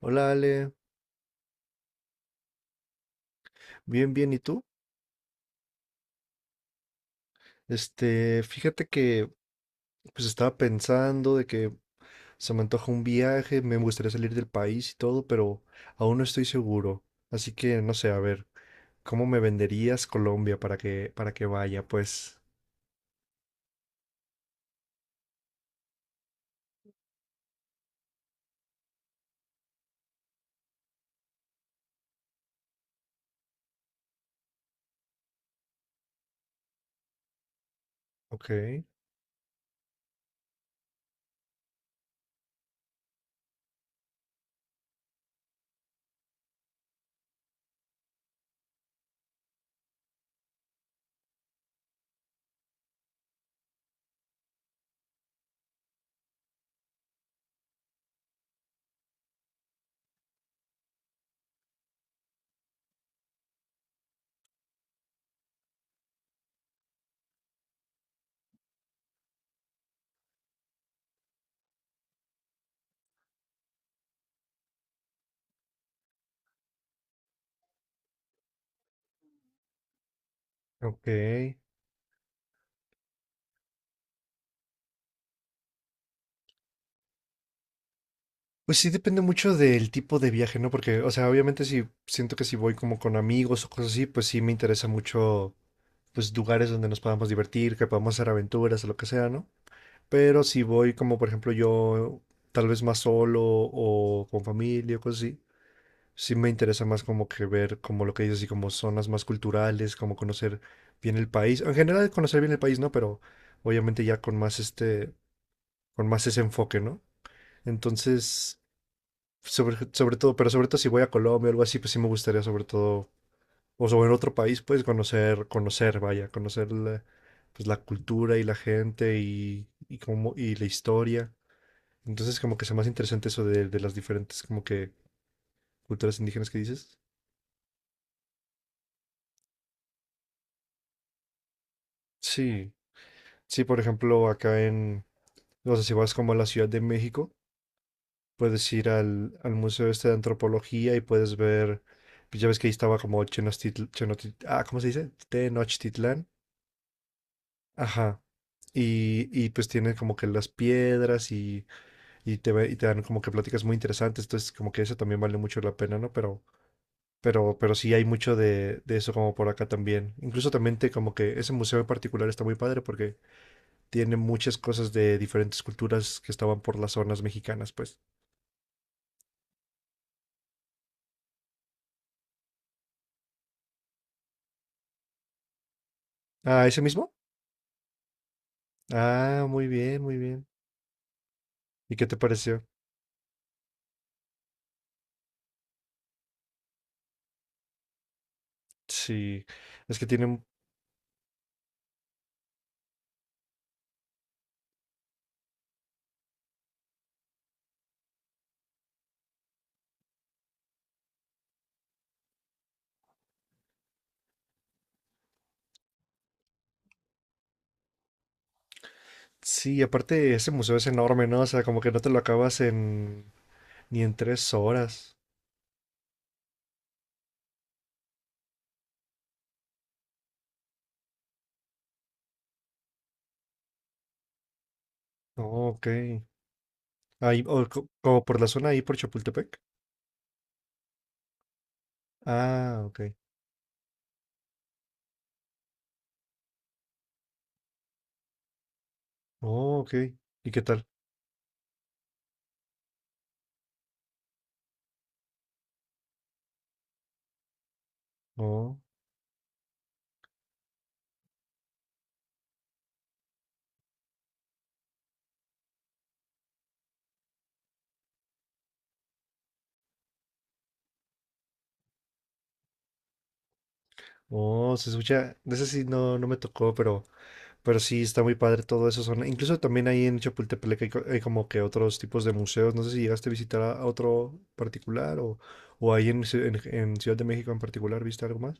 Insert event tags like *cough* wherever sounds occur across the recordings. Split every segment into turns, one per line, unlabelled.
Hola Ale, bien, bien, ¿y tú? Fíjate que pues estaba pensando de que se me antoja un viaje, me gustaría salir del país y todo, pero aún no estoy seguro. Así que no sé, a ver, ¿cómo me venderías Colombia para que vaya? Pues, ok, ok. Pues sí depende mucho del tipo de viaje, ¿no? Porque, o sea, obviamente si siento que si voy como con amigos o cosas así, pues sí me interesa mucho pues lugares donde nos podamos divertir, que podamos hacer aventuras o lo que sea, ¿no? Pero si voy como por ejemplo yo, tal vez más solo o con familia o cosas así, sí me interesa más como que ver como lo que dices, así como zonas más culturales, como conocer bien el país. En general conocer bien el país, ¿no? Pero obviamente ya con más con más ese enfoque, ¿no? Entonces, sobre todo, pero sobre todo si voy a Colombia o algo así, pues sí me gustaría sobre todo, o sobre en otro país, pues vaya, conocer la cultura y la gente y la historia. Entonces, como que sea más interesante eso de las diferentes, como que, culturas indígenas que dices. Sí. Sí, por ejemplo, acá en, o sea si vas como a la Ciudad de México, puedes ir al Museo este de Antropología y puedes ver, pues ya ves que ahí estaba como ¿cómo se dice? Tenochtitlán. Ajá. Y pues tienen como que las piedras y te dan como que pláticas muy interesantes, entonces como que eso también vale mucho la pena, ¿no? Pero sí hay mucho de eso como por acá también. Incluso también te, como que ese museo en particular está muy padre porque tiene muchas cosas de diferentes culturas que estaban por las zonas mexicanas, pues. Ah, ¿ese mismo? Ah, muy bien, muy bien. ¿Y qué te pareció? Sí, es que tienen... Sí, aparte ese museo es enorme, ¿no? O sea, como que no te lo acabas en... ni en 3 horas. Oh, ok. Ahí, o como por la zona ahí por Chapultepec. Ah, ok. Oh, ok. ¿Y qué tal? Oh. Oh, se escucha, de ese sí no, no me tocó, pero sí está muy padre todo eso. Son, incluso también ahí en Chapultepec hay como que otros tipos de museos. No sé si llegaste a visitar a otro particular o ahí en, en Ciudad de México en particular, ¿viste algo más?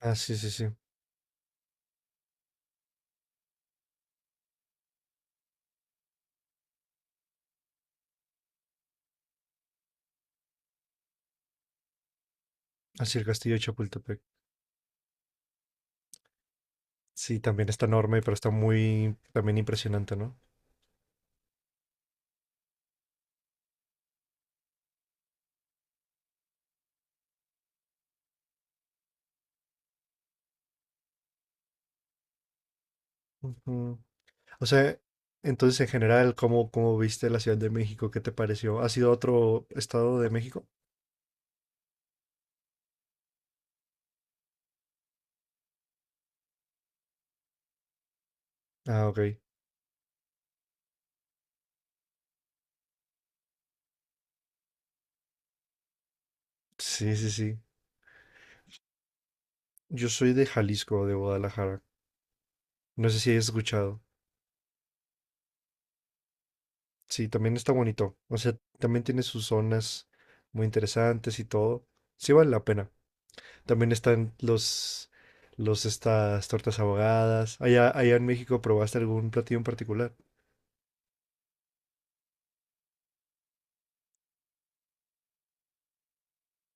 Ah, sí, sí, sí. Así el castillo de Chapultepec. Sí, también está enorme, pero está muy también impresionante, ¿no? Ujú. O sea, entonces en general, ¿cómo viste la Ciudad de México? ¿Qué te pareció? ¿Has ido a otro estado de México? Ah, ok. Sí, sí, sí. Yo soy de Jalisco, de Guadalajara. No sé si hayas escuchado. Sí, también está bonito. O sea, también tiene sus zonas muy interesantes y todo. Sí vale la pena. También están los estas tortas ahogadas. Allá, allá en México, ¿probaste algún platillo en particular?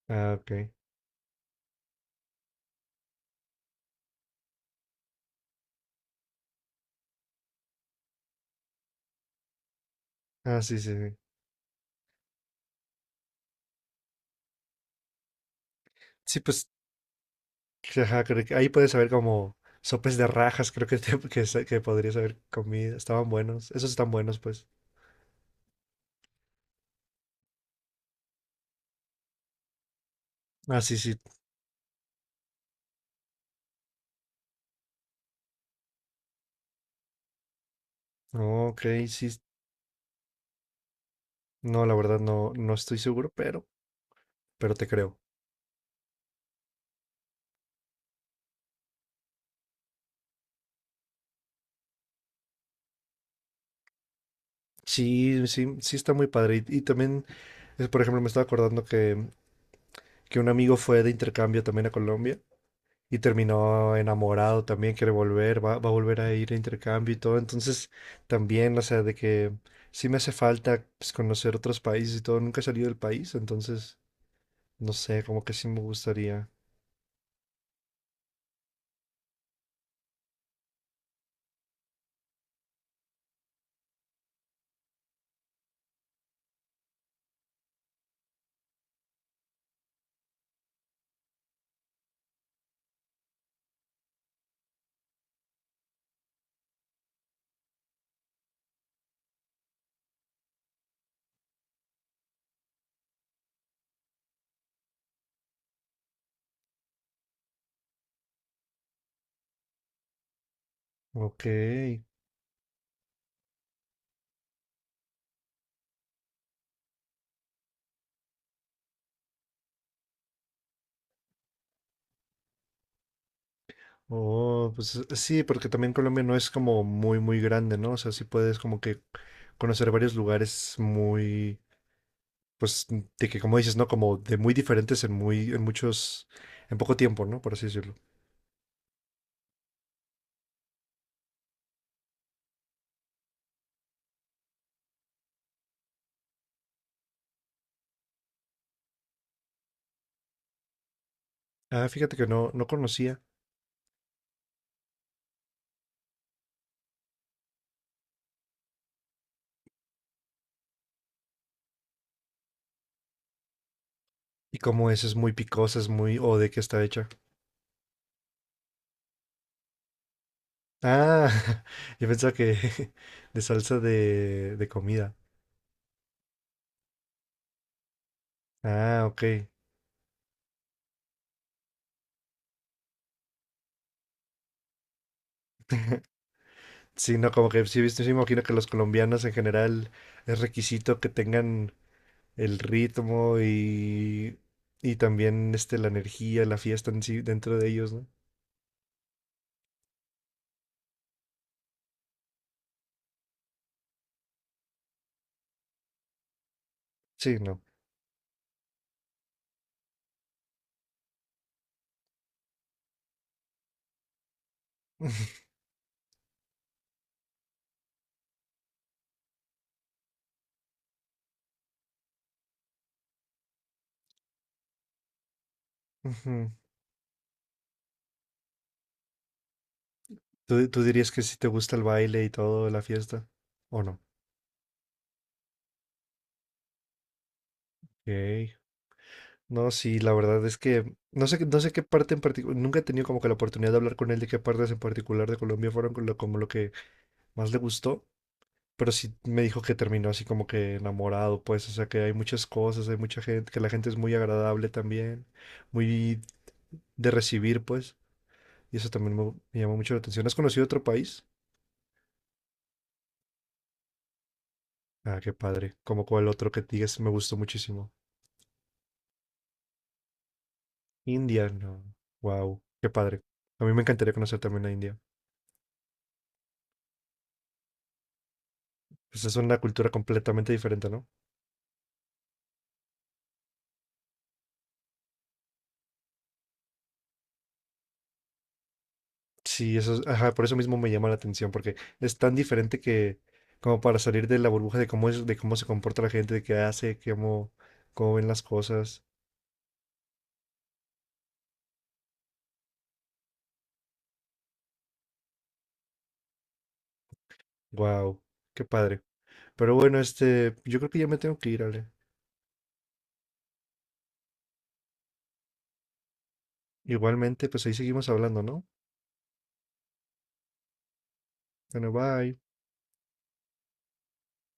Ah, ok. Ah, sí, sí, sí. Sí, pues, ajá, creo que ahí puedes saber como sopes de rajas, creo que, *laughs* que, que podrías haber comido. Estaban buenos. Esos están buenos, pues. Ah, sí, sí. Oh, ok, sí. No, la verdad no estoy seguro, pero te creo. Sí, sí, sí está muy padre. Y también, por ejemplo, me estaba acordando que, un amigo fue de intercambio también a Colombia y terminó enamorado también, quiere volver, va a volver a ir a intercambio y todo. Entonces, también, o sea, de que sí me hace falta pues, conocer otros países y todo. Nunca he salido del país, entonces, no sé, como que sí me gustaría. Ok. Oh, pues sí, porque también Colombia no es como muy, muy grande, ¿no? O sea, sí puedes como que conocer varios lugares muy, pues, de que como dices, ¿no? Como de muy diferentes en muy, en muchos, en poco tiempo, ¿no? Por así decirlo. Ah, fíjate que no conocía. Y como es muy picosa, es muy, o de qué está hecha. Ah, *laughs* yo pensaba que *laughs* de salsa de comida. Ah, ok. Sí, no, como que sí, viste, sí, me imagino que los colombianos en general es requisito que tengan el ritmo y también la energía, la fiesta en sí dentro de ellos, ¿no? Sí, no. *laughs* Ujú. ¿Tú dirías que sí te gusta el baile y todo, la fiesta? ¿O no? Ok. No, sí, la verdad es que no sé qué parte en particular, nunca he tenido como que la oportunidad de hablar con él de qué partes en particular de Colombia fueron como lo que más le gustó, pero sí me dijo que terminó así como que enamorado, pues, o sea que hay muchas cosas, hay mucha gente, que la gente es muy agradable también, muy de recibir, pues. Y eso también me llamó mucho la atención. ¿Has conocido otro país? Ah, qué padre. Como cuál otro que digas me gustó muchísimo. India, no. Wow, qué padre. A mí me encantaría conocer también la India. Pues es una cultura completamente diferente, ¿no? Sí, eso es, ajá, por eso mismo me llama la atención, porque es tan diferente que como para salir de la burbuja de cómo es, de cómo se comporta la gente, de qué hace, cómo ven las cosas. Wow, qué padre. Pero bueno, yo creo que ya me tengo que ir, Ale. Igualmente, pues ahí seguimos hablando, ¿no? Bueno, bye.